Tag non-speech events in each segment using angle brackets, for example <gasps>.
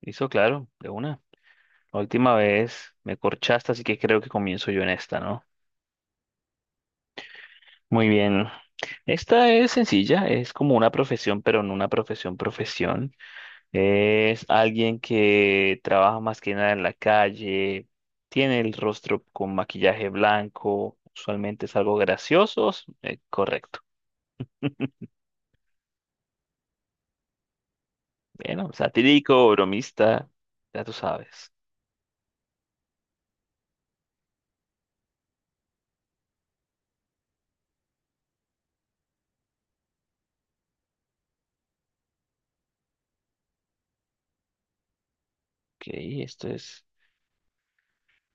Listo, claro, de una. La última vez me corchaste, así que creo que comienzo yo en esta, ¿no? Muy bien. Esta es sencilla, es como una profesión, pero no una profesión profesión. Es alguien que trabaja más que nada en la calle, tiene el rostro con maquillaje blanco, usualmente es algo gracioso, correcto. Bueno, satírico, bromista, ya tú sabes. Ok, esto es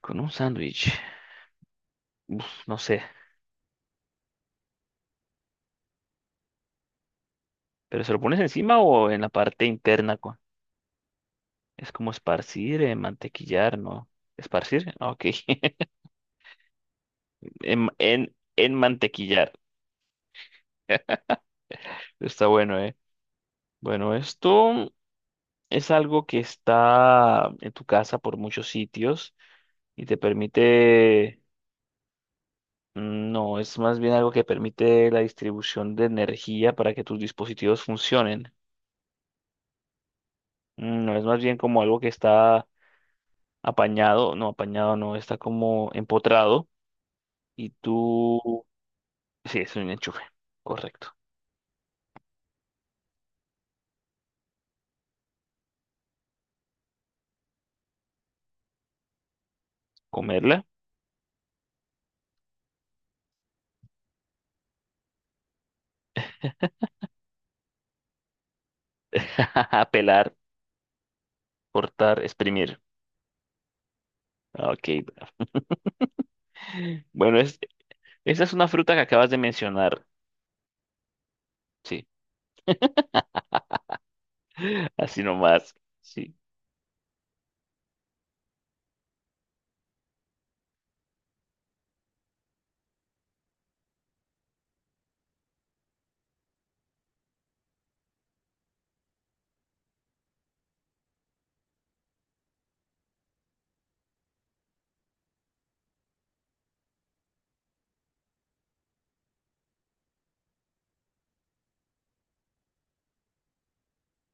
con un sándwich, no sé. ¿Pero se lo pones encima o en la parte interna? Es como esparcir, mantequillar, ¿no? ¿Esparcir? Ah, ok. <laughs> En mantequillar. Está bueno, ¿eh? Bueno, esto es algo que está en tu casa por muchos sitios y te permite... No, es más bien algo que permite la distribución de energía para que tus dispositivos funcionen. No, es más bien como algo que está apañado no, está como empotrado y tú sí, es un enchufe. Correcto. Comerla. <laughs> Pelar, cortar, exprimir. Ok. Bueno, es, esa es una fruta que acabas de mencionar. Sí. <laughs> Así nomás. Sí.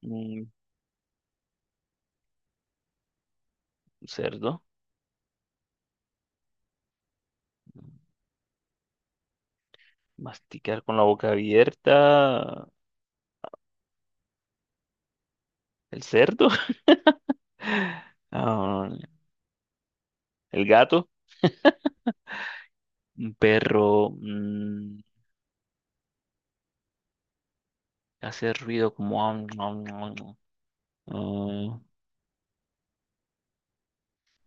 Mm, un cerdo. Masticar con la boca abierta. El cerdo. <laughs> Ah, el gato. Un perro. Hace ruido como... am, am, am, am. Ah,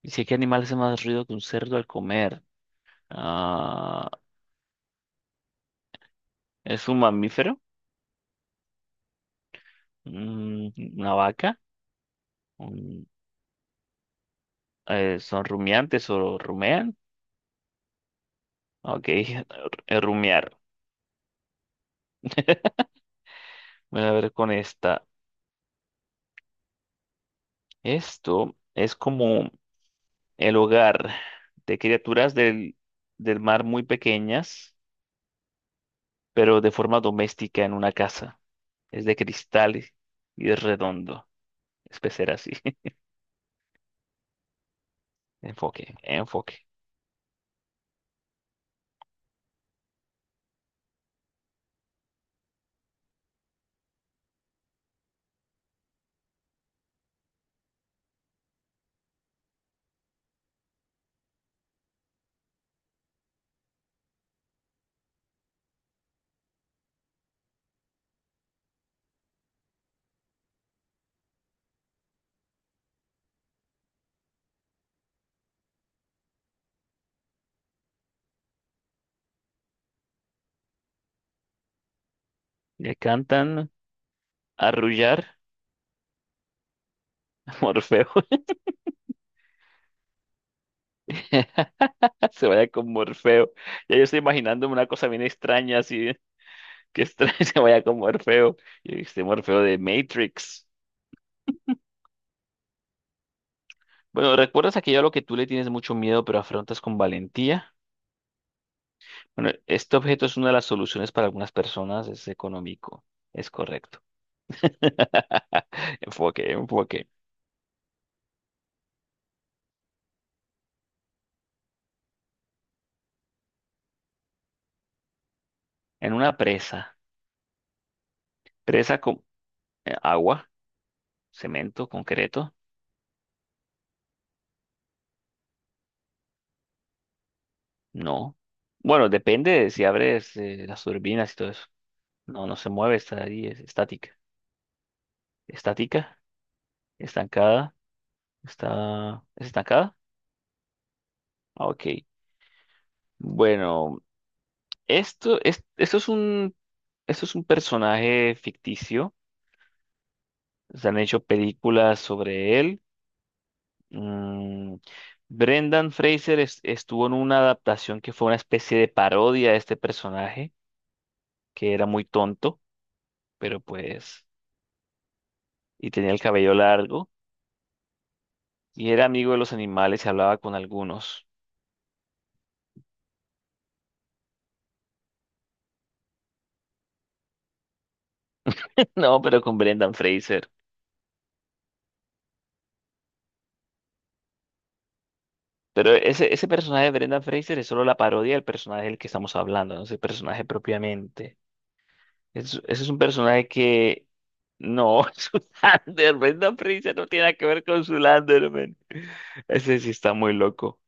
¿y si qué animal hace más ruido que un cerdo al comer? Ah, ¿es un mamífero? Mm, ¿una vaca? Un- ¿Son rumiantes o rumean? Ok, <laughs> rumiar. Voy a ver con esta. Esto es como el hogar de criaturas del mar muy pequeñas, pero de forma doméstica en una casa. Es de cristal y es redondo. Es pecera así. <laughs> Enfoque, enfoque. Le cantan arrullar. <laughs> Morfeo. <laughs> Se vaya con Morfeo. Ya yo estoy imaginándome una cosa bien extraña, así, que extraña <laughs> se vaya con Morfeo. Y este Morfeo de Matrix. Bueno, ¿recuerdas aquello a lo que tú le tienes mucho miedo, pero afrontas con valentía? Bueno, este objeto es una de las soluciones para algunas personas, es económico, es correcto. <laughs> Enfoque, enfoque. En una presa, presa con agua, cemento, concreto, no. Bueno, depende de si abres las turbinas y todo eso. No, no se mueve, está ahí, es estática. Estática, estancada, está, ¿es estancada? Ah, ok. Bueno, esto, es, esto es un, esto es un personaje ficticio. Se han hecho películas sobre él. Mm, Brendan Fraser estuvo en una adaptación que fue una especie de parodia de este personaje, que era muy tonto, pero pues, y tenía el cabello largo, y era amigo de los animales y hablaba con algunos. <laughs> No, pero con Brendan Fraser. Pero ese personaje de Brendan Fraser es solo la parodia del personaje del que estamos hablando, no es el personaje propiamente. Ese es un personaje que... No, <laughs> es Zoolander. Brendan Fraser no tiene nada que ver con Zoolander, man. Ese sí está muy loco.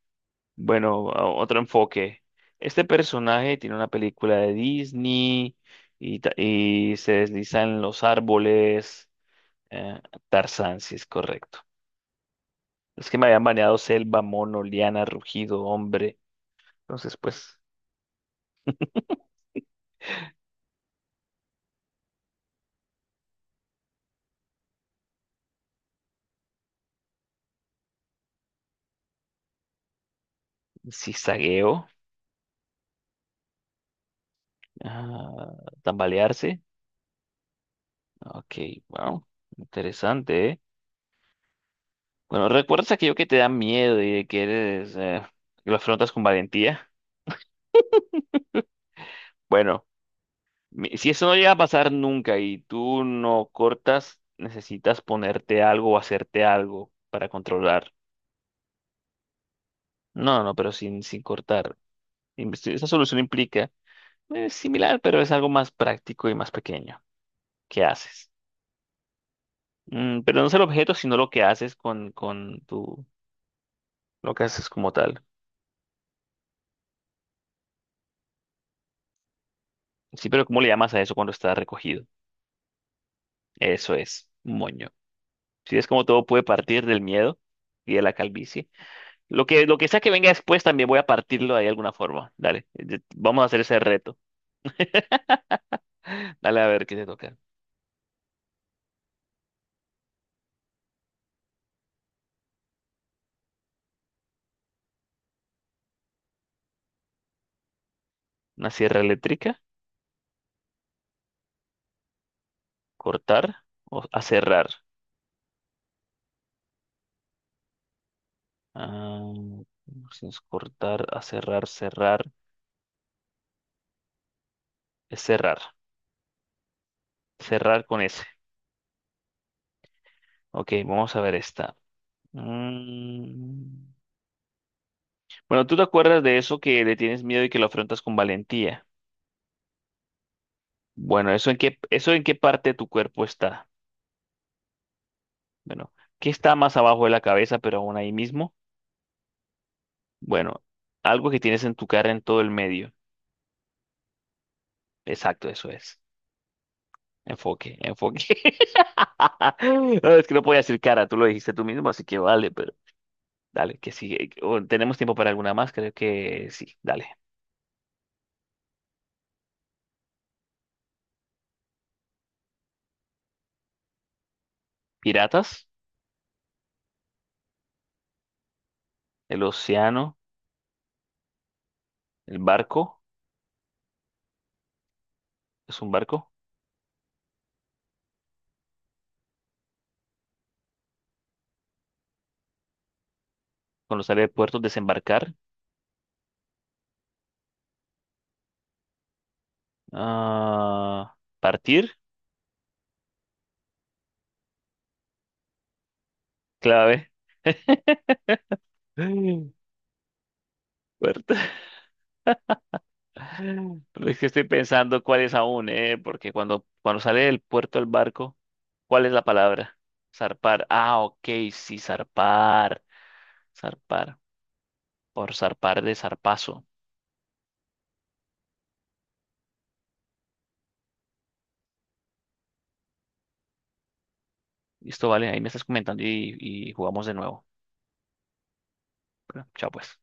Bueno, otro enfoque. Este personaje tiene una película de Disney y, y se desliza en los árboles. Eh, Tarzán, sí es correcto. Es que me habían baneado selva, mono, liana, rugido, hombre. Entonces, pues... Zigzagueo, ah, tambalearse. Ok, wow, interesante, ¿eh? Bueno, ¿recuerdas aquello que te da miedo y de que eres, que lo afrontas con valentía? Bueno, si eso no llega a pasar nunca y tú no cortas, necesitas ponerte algo o hacerte algo para controlar. No, no, pero sin cortar. Esa solución implica, similar, pero es algo más práctico y más pequeño. ¿Qué haces? Mm, pero no es el objeto, sino lo que haces con tu lo que haces como tal. Sí, pero ¿cómo le llamas a eso cuando está recogido? Eso es, moño. Si es como todo puede partir del miedo y de la calvicie. Lo que sea que venga después también voy a partirlo de alguna forma. Dale, vamos a hacer ese reto. <laughs> Dale a ver qué te toca. Una sierra eléctrica, cortar o aserrar. Ah, si es cortar, aserrar, cerrar. Es cerrar. Cerrar con ese. Ok, vamos a ver esta. Mm. Bueno, ¿tú te acuerdas de eso que le tienes miedo y que lo afrontas con valentía? Bueno, ¿eso en qué parte de tu cuerpo está? Bueno, ¿qué está más abajo de la cabeza, pero aún ahí mismo? Bueno, algo que tienes en tu cara en todo el medio. Exacto, eso es. Enfoque, enfoque. <laughs> No, es que no podía decir cara, tú lo dijiste tú mismo, así que vale, pero dale, que sí. O, ¿tenemos tiempo para alguna más? Creo que sí, dale. ¿Piratas? ¿El océano? ¿El barco? ¿Es un barco? Cuando sale de puerto, desembarcar. Ah, partir, clave. <gasps> <laughs> Puerto. Pero es que estoy pensando cuál es aún, ¿eh? Porque cuando sale del puerto el barco, ¿cuál es la palabra? Zarpar. Ah, ok, sí, zarpar. Zarpar. Por zarpar de zarpazo. Listo, vale, ahí me estás comentando y jugamos de nuevo. Bueno, chao, pues.